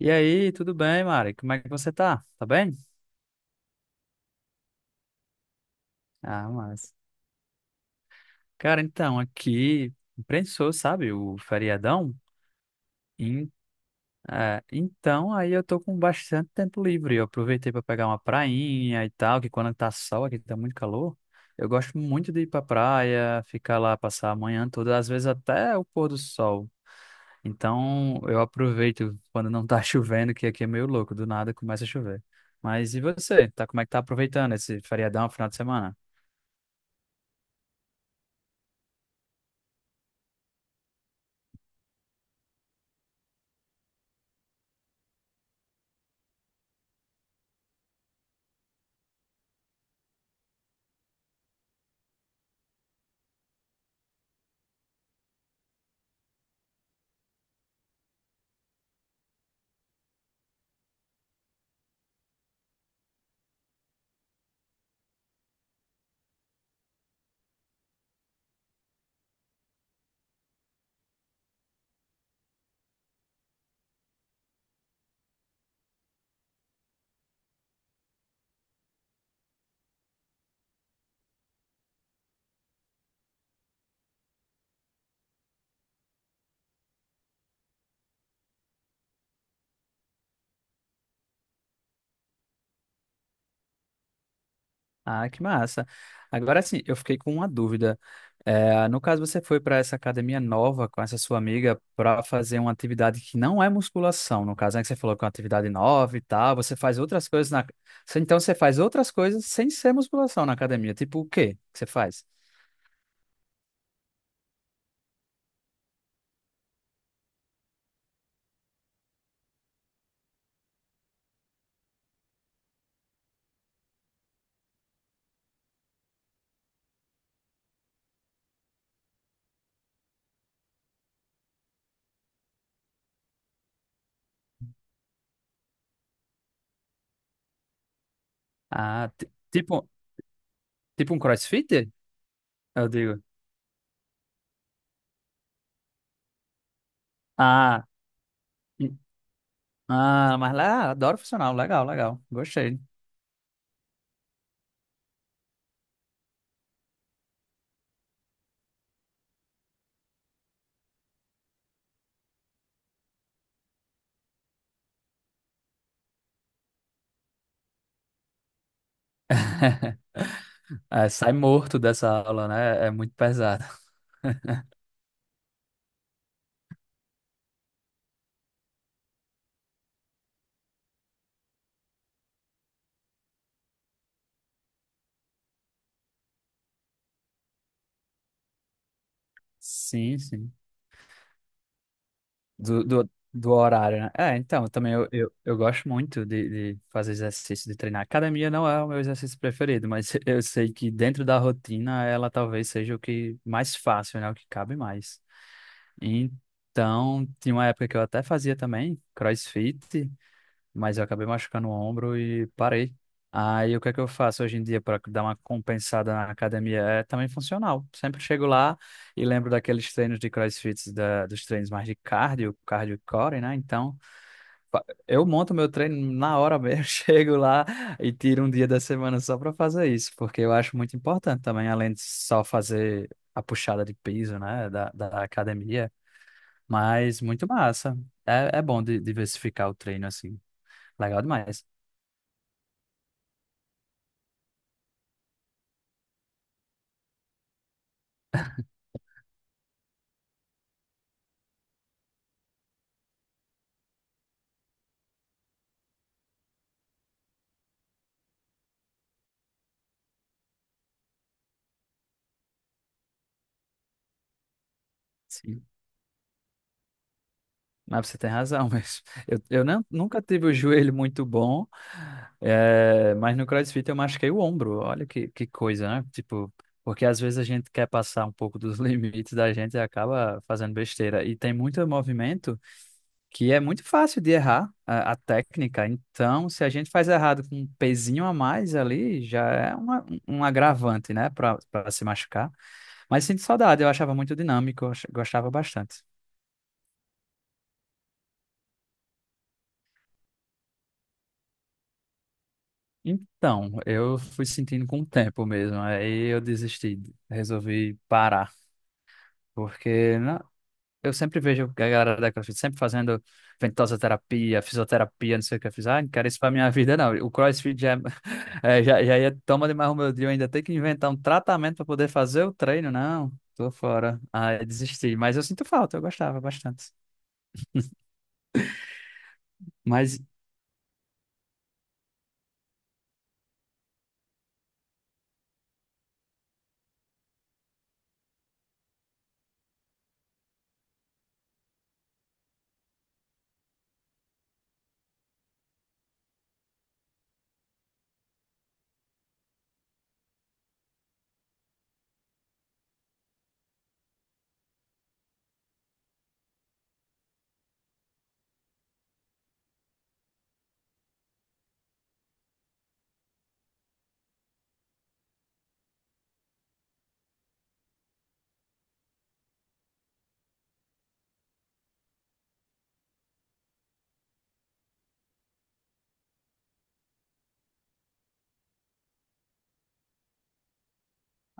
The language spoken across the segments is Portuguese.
E aí, tudo bem, Mari? Como é que você tá? Tá bem? Ah, mas. Cara, então, aqui prensou, sabe, o feriadão. Em- Aí eu tô com bastante tempo livre. Eu aproveitei para pegar uma prainha e tal, que quando tá sol aqui tá muito calor. Eu gosto muito de ir pra praia, ficar lá, passar a manhã toda, às vezes até o pôr do sol. Então, eu aproveito quando não tá chovendo, que aqui é meio louco, do nada começa a chover. Mas e você? Tá, como é que tá aproveitando esse feriadão, final de semana? Ah, que massa. Agora sim, eu fiquei com uma dúvida. É, no caso, você foi para essa academia nova com essa sua amiga para fazer uma atividade que não é musculação, no caso, né? Que você falou que é uma atividade nova e tal. Você faz outras coisas na. Você- Então, você faz outras coisas sem ser musculação na academia. Tipo o quê que você faz? Ah, ti- tipo, tipo um CrossFit? Eu digo. Ah, hum, ah, mas lá, adoro funcional. Legal, legal. Gostei. É, sai morto dessa aula, né? É muito pesado. Sim, sim. Do horário, né? É, então, também eu gosto muito de fazer exercício, de treinar. Academia não é o meu exercício preferido, mas eu sei que dentro da rotina ela talvez seja o que mais fácil, né? O que cabe mais. Então, tinha uma época que eu até fazia também CrossFit, mas eu acabei machucando o ombro e parei. Aí o que é que eu faço hoje em dia para dar uma compensada na academia? É também funcional. Sempre chego lá e lembro daqueles treinos de CrossFit, dos treinos mais de cardio, cardio core, né? Então, eu monto meu treino na hora mesmo, chego lá e tiro um dia da semana só para fazer isso, porque eu acho muito importante também, além de só fazer a puxada de piso, né, da academia, mas muito massa. É, é bom diversificar o treino assim. Legal demais. Sim. Mas você tem razão, mas eu nunca tive o joelho muito bom, é, mas no CrossFit eu machuquei o ombro. Olha que coisa, né? Tipo, porque às vezes a gente quer passar um pouco dos limites da gente e acaba fazendo besteira. E tem muito movimento que é muito fácil de errar a técnica. Então, se a gente faz errado com um pezinho a mais ali, já é uma, um agravante, né, para se machucar. Mas sinto saudade, eu achava muito dinâmico, gostava bastante. Então, eu fui sentindo com o tempo mesmo, aí eu desisti, resolvi parar, porque na- eu sempre vejo a galera da CrossFit sempre fazendo ventosa terapia, fisioterapia, não sei o que eu fiz, ah, não quero isso pra minha vida não, o CrossFit já, é, já ia toma demais o meu dia, eu ainda tenho que inventar um tratamento para poder fazer o treino, não, tô fora, aí desisti, mas eu sinto falta, eu gostava bastante, mas,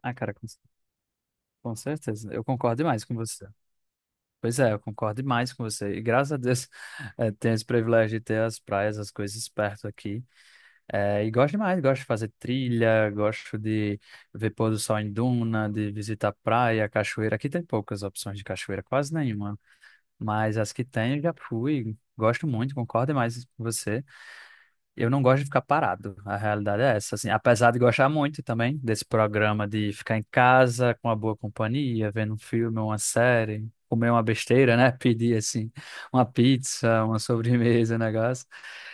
ah cara, com, com certeza, eu concordo demais com você. Pois é, eu concordo demais com você. E graças a Deus eh, tenho esse privilégio de ter as praias, as coisas perto aqui. Eh, e gosto demais, gosto de fazer trilha, gosto de ver pôr do sol em duna, de visitar praia, cachoeira. Aqui tem poucas opções de cachoeira, quase nenhuma. Mas as que tem eu já fui. Gosto muito, concordo demais com você. Eu não gosto de ficar parado. A realidade é essa, assim, apesar de gostar muito também desse programa de ficar em casa com uma boa companhia, vendo um filme, uma série, comer uma besteira, né? Pedir assim uma pizza, uma sobremesa, um negócio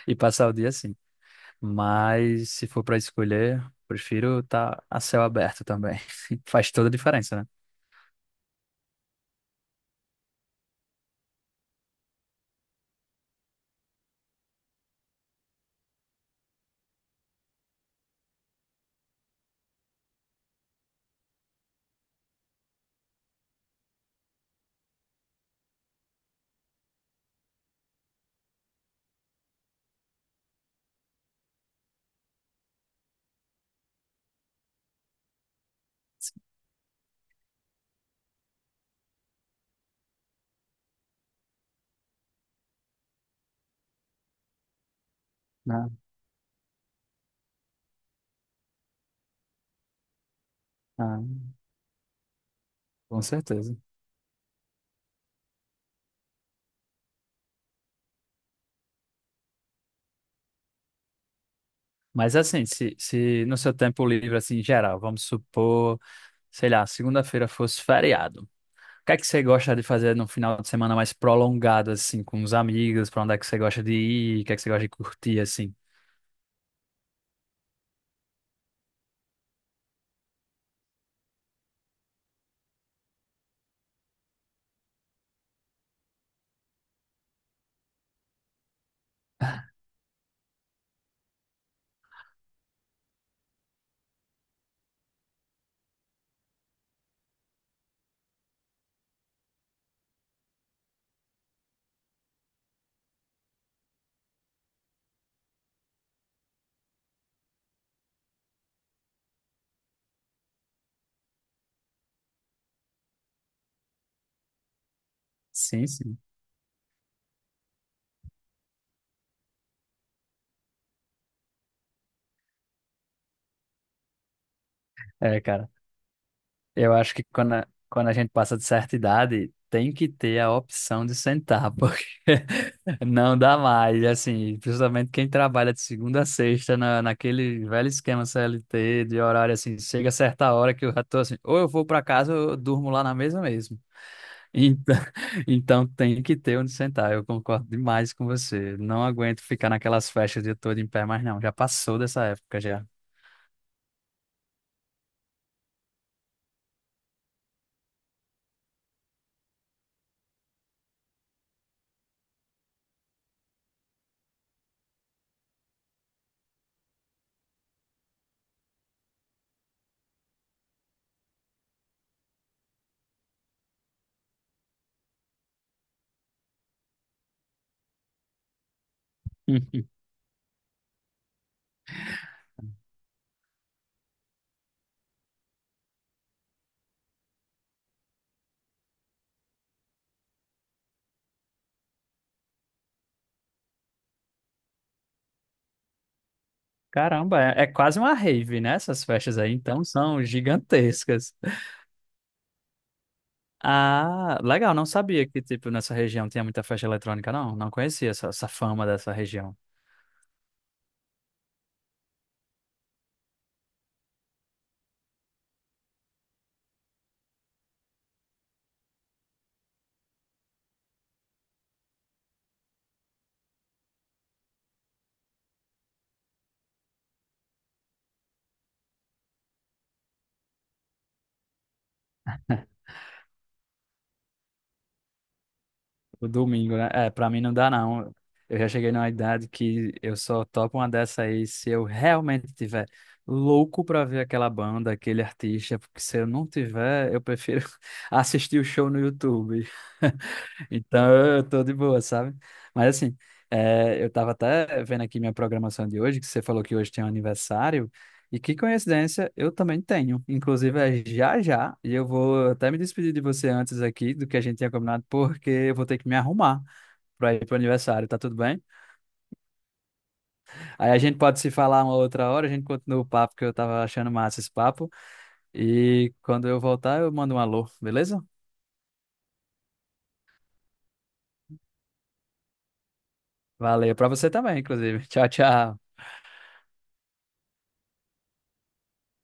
e passar o dia assim. Mas se for para escolher, prefiro estar a céu aberto também. Faz toda a diferença, né? Ah, ah, com certeza. Mas assim, se no seu tempo livre, assim, em geral, vamos supor, sei lá, segunda-feira fosse feriado. O que é que você gosta de fazer no final de semana mais prolongado, assim, com os amigos? Pra onde é que você gosta de ir? O que é que você gosta de curtir, assim? Sim, sim. É, cara, eu acho que quando a gente passa de certa idade, tem que ter a opção de sentar, porque não dá mais, assim, principalmente quem trabalha de segunda a sexta naquele velho esquema CLT de horário, assim, chega a certa hora que eu já tô assim, ou eu vou pra casa ou eu durmo lá na mesa mesmo. Então, então tem que ter onde sentar, eu concordo demais com você. Não aguento ficar naquelas festas o dia todo em pé, mas não, já passou dessa época já. Caramba, é, é quase uma rave, né? Essas festas aí, então são gigantescas. Ah, legal, não sabia que, tipo, nessa região tinha muita festa eletrônica, não. Não conhecia essa fama dessa região. O domingo, né? É, pra mim não dá, não. Eu já cheguei numa idade que eu só topo uma dessa aí se eu realmente tiver louco pra ver aquela banda, aquele artista, porque se eu não tiver, eu prefiro assistir o show no YouTube. Então eu tô de boa, sabe? Mas assim, é, eu tava até vendo aqui minha programação de hoje, que você falou que hoje tem um aniversário. E que coincidência, eu também tenho. Inclusive, é já já, e eu vou até me despedir de você antes aqui do que a gente tinha combinado, porque eu vou ter que me arrumar para ir pro aniversário, tá tudo bem? Aí a gente pode se falar uma outra hora, a gente continua o papo, que eu tava achando massa esse papo. E quando eu voltar, eu mando um alô, beleza? Valeu para você também, inclusive. Tchau, tchau.